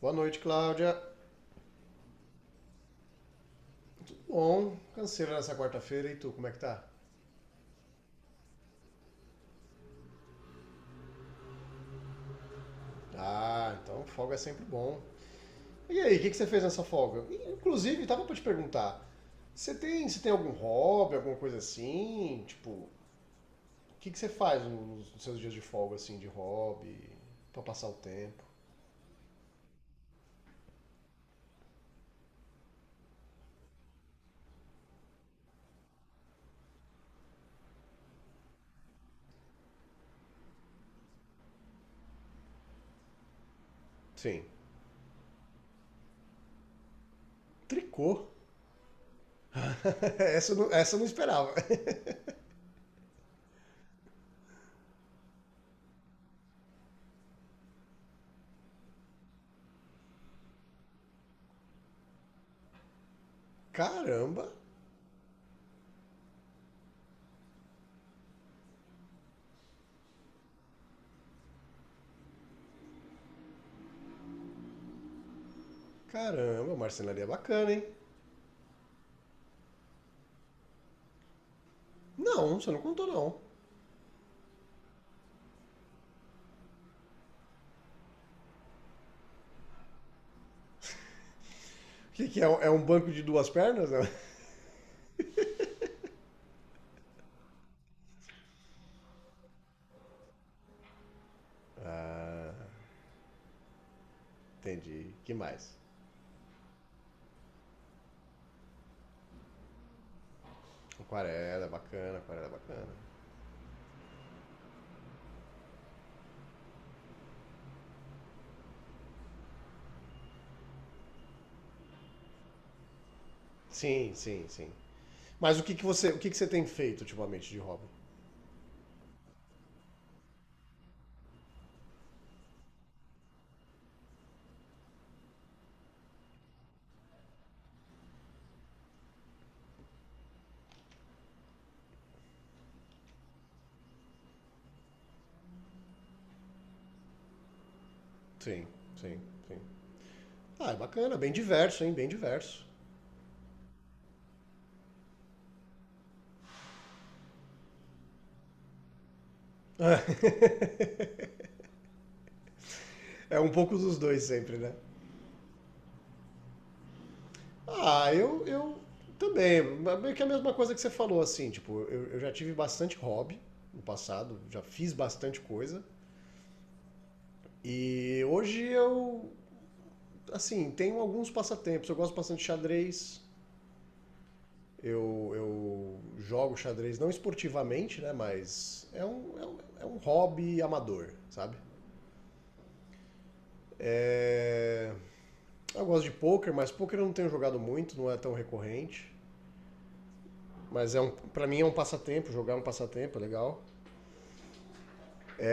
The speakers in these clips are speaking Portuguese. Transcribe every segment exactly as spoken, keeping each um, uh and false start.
Boa noite, Cláudia. Bom, canseira nessa quarta-feira, e tu, como é que tá? Ah, então folga é sempre bom. E aí, o que, que você fez nessa folga? Inclusive, tava pra te perguntar, você tem, você tem algum hobby, alguma coisa assim? Tipo, o que, que você faz nos nos seus dias de folga, assim, de hobby, pra passar o tempo? Sim. Tricô? essa, eu não, essa eu não esperava. Caramba, caramba, marcenaria bacana, hein? Não, você não contou não. O que, que é? É um banco de duas pernas? Né? Entendi. Que mais? Aquarela, é bacana, aquarela, é bacana. Sim, sim, sim. Mas o que, que você, o que, que você tem feito ultimamente de hobby? Sim, sim, sim. Ah, é bacana, bem diverso, hein? Bem diverso. É um pouco dos dois sempre, né? Ah, eu, eu também. Mas meio que a mesma coisa que você falou, assim, tipo, eu, eu já tive bastante hobby no passado, já fiz bastante coisa. E hoje eu, assim, tenho alguns passatempos. Eu gosto bastante de xadrez. Eu, eu jogo xadrez não esportivamente, né? Mas é um, é um, é um hobby amador, sabe? É, eu gosto de pôquer, mas pôquer eu não tenho jogado muito, não é tão recorrente. Mas é um, para mim é um passatempo, jogar é um passatempo, é legal.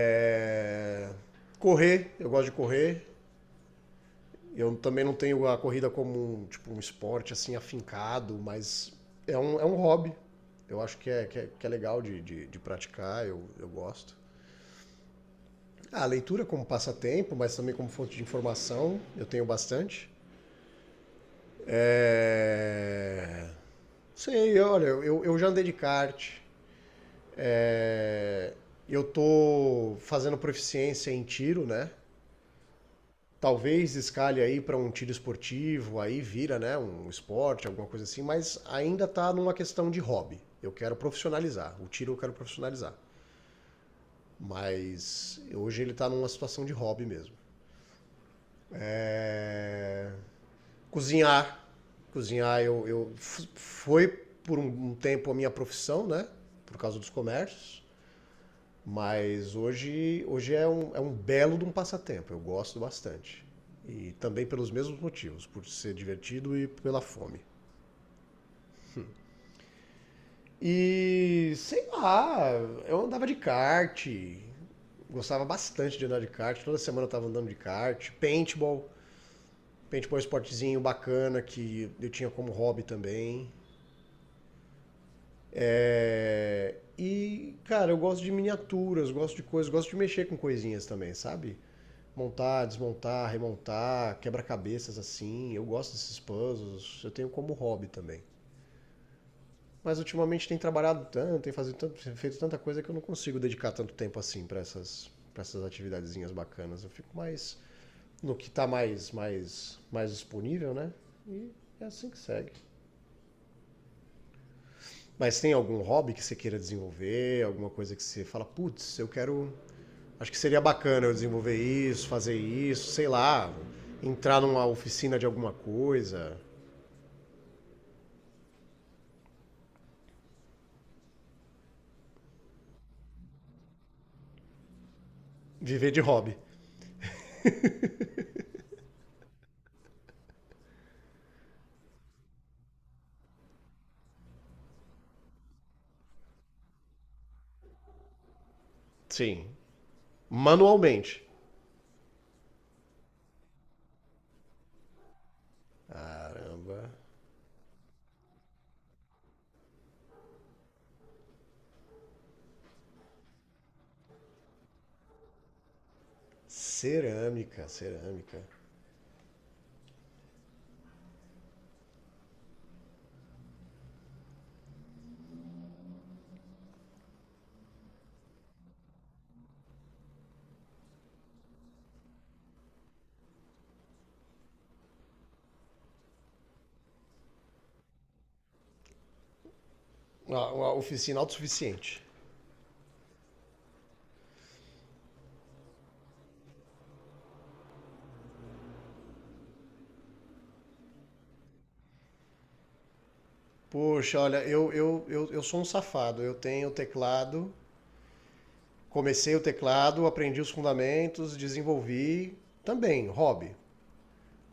É, correr, eu gosto de correr. Eu também não tenho a corrida como um, tipo, um esporte assim afincado, mas é um, é um hobby. Eu acho que é, que é, que é legal de, de, de praticar, eu, eu gosto. Ah, a leitura como passatempo, mas também como fonte de informação, eu tenho bastante. É... Sei, olha, eu, eu já andei de kart. É, eu tô fazendo proficiência em tiro, né? Talvez escalhe aí para um tiro esportivo, aí vira, né, um esporte, alguma coisa assim, mas ainda tá numa questão de hobby. Eu quero profissionalizar. O tiro eu quero profissionalizar. Mas hoje ele tá numa situação de hobby mesmo. Né? Cozinhar. Cozinhar, eu, eu foi por um um tempo a minha profissão, né? Por causa dos comércios. Mas hoje, hoje é, um, é um belo de um passatempo. Eu gosto bastante. E também pelos mesmos motivos, por ser divertido e pela fome. E sei lá, eu andava de kart, gostava bastante de andar de kart, toda semana eu tava andando de kart, paintball, paintball é um esportezinho bacana que eu tinha como hobby também. É, e, cara, eu gosto de miniaturas, gosto de coisas, gosto de mexer com coisinhas também, sabe? Montar, desmontar, remontar, quebra-cabeças assim. Eu gosto desses puzzles, eu tenho como hobby também. Mas ultimamente tem trabalhado tanto, tem fazido tanto- feito tanta coisa que eu não consigo dedicar tanto tempo assim pra essas para essas atividadezinhas bacanas. Eu fico mais no que tá mais mais mais disponível, né? E é assim que segue. Mas tem algum hobby que você queira desenvolver, alguma coisa que você fala, putz, eu quero Acho que seria bacana eu desenvolver isso, fazer isso, sei lá, entrar numa oficina de alguma coisa, viver de hobby. Sim, manualmente. Caramba. Cerâmica, cerâmica. Uma, uma oficina autossuficiente. Poxa, olha, eu, eu, eu, eu sou um safado. Eu tenho teclado, comecei o teclado, aprendi os fundamentos, desenvolvi também, hobby.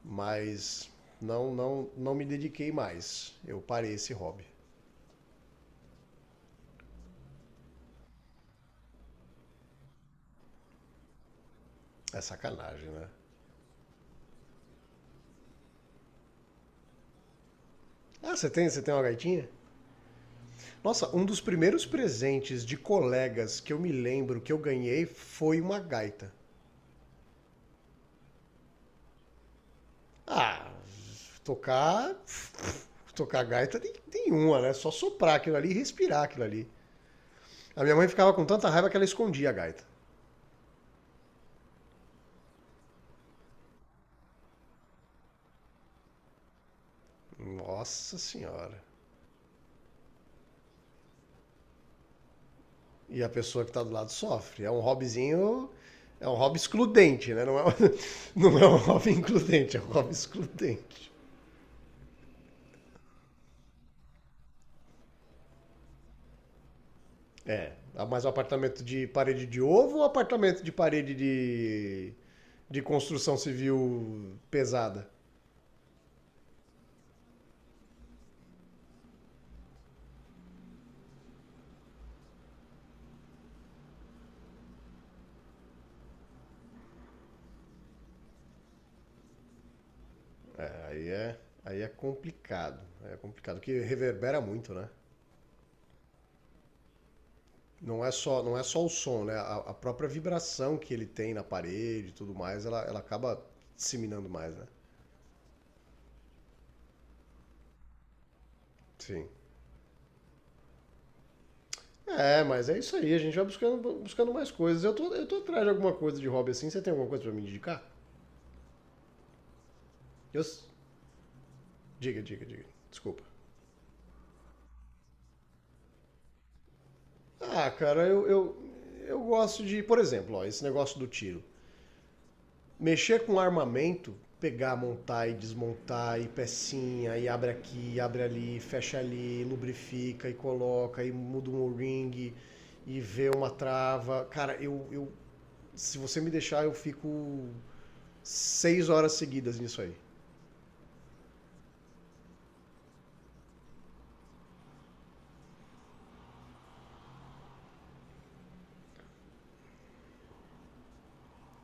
Mas não, não, não me dediquei mais. Eu parei esse hobby. É sacanagem, né? Ah, você tem, você tem uma gaitinha? Nossa, um dos primeiros presentes de colegas que eu me lembro que eu ganhei foi uma gaita. Ah, tocar. Tocar gaita tem, tem uma, né? Só soprar aquilo ali e respirar aquilo ali. A minha mãe ficava com tanta raiva que ela escondia a gaita. Nossa senhora. E a pessoa que tá do lado sofre. É um hobbyzinho. É um hobby excludente, né? Não é, um, não é um hobby includente, é um hobby excludente. É, mas o apartamento de parede de ovo ou apartamento de parede de, de construção civil pesada? Aí é, aí é complicado, é complicado, que reverbera muito, né? Não é só, não é só o som, né? A, a própria vibração que ele tem na parede e tudo mais, ela, ela acaba disseminando mais, né? Sim. É, mas é isso aí, a gente vai buscando, buscando mais coisas. Eu tô, eu tô atrás de alguma coisa de hobby assim, você tem alguma coisa pra me indicar? Eu... Diga, diga, diga. Desculpa. Ah, cara, eu, eu, eu gosto de, por exemplo, ó, esse negócio do tiro. Mexer com armamento, pegar, montar e desmontar, e pecinha, e abre aqui, e abre ali, fecha ali, lubrifica e coloca, e muda um ring, e vê uma trava. Cara, eu, eu se você me deixar, eu fico seis horas seguidas nisso aí.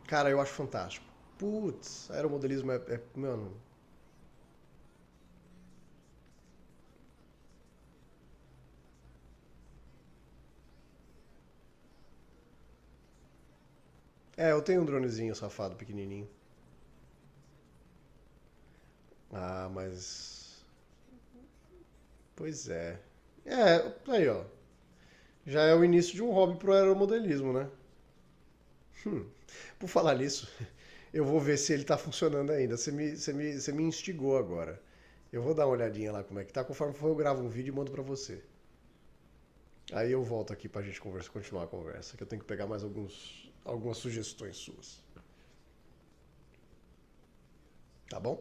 Cara, eu acho fantástico. Putz, aeromodelismo é, é. Mano. É, eu tenho um dronezinho safado pequenininho. Ah, mas. Pois é. É, aí ó. Já é o início de um hobby pro aeromodelismo, né? Por falar nisso, eu vou ver se ele tá funcionando ainda. Você me, você me, você me instigou agora. Eu vou dar uma olhadinha lá como é que tá. Conforme for, eu gravo um vídeo e mando pra você. Aí eu volto aqui pra gente conversa, continuar a conversa, que eu tenho que pegar mais alguns, algumas sugestões suas. Tá bom?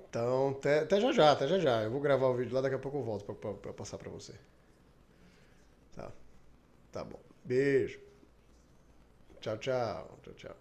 Então, até, até já já, até já já. Eu vou gravar o vídeo lá, daqui a pouco eu volto pra, pra- pra passar pra você. Tá, tá bom. Beijo. Tchau, tchau. Tchau, tchau.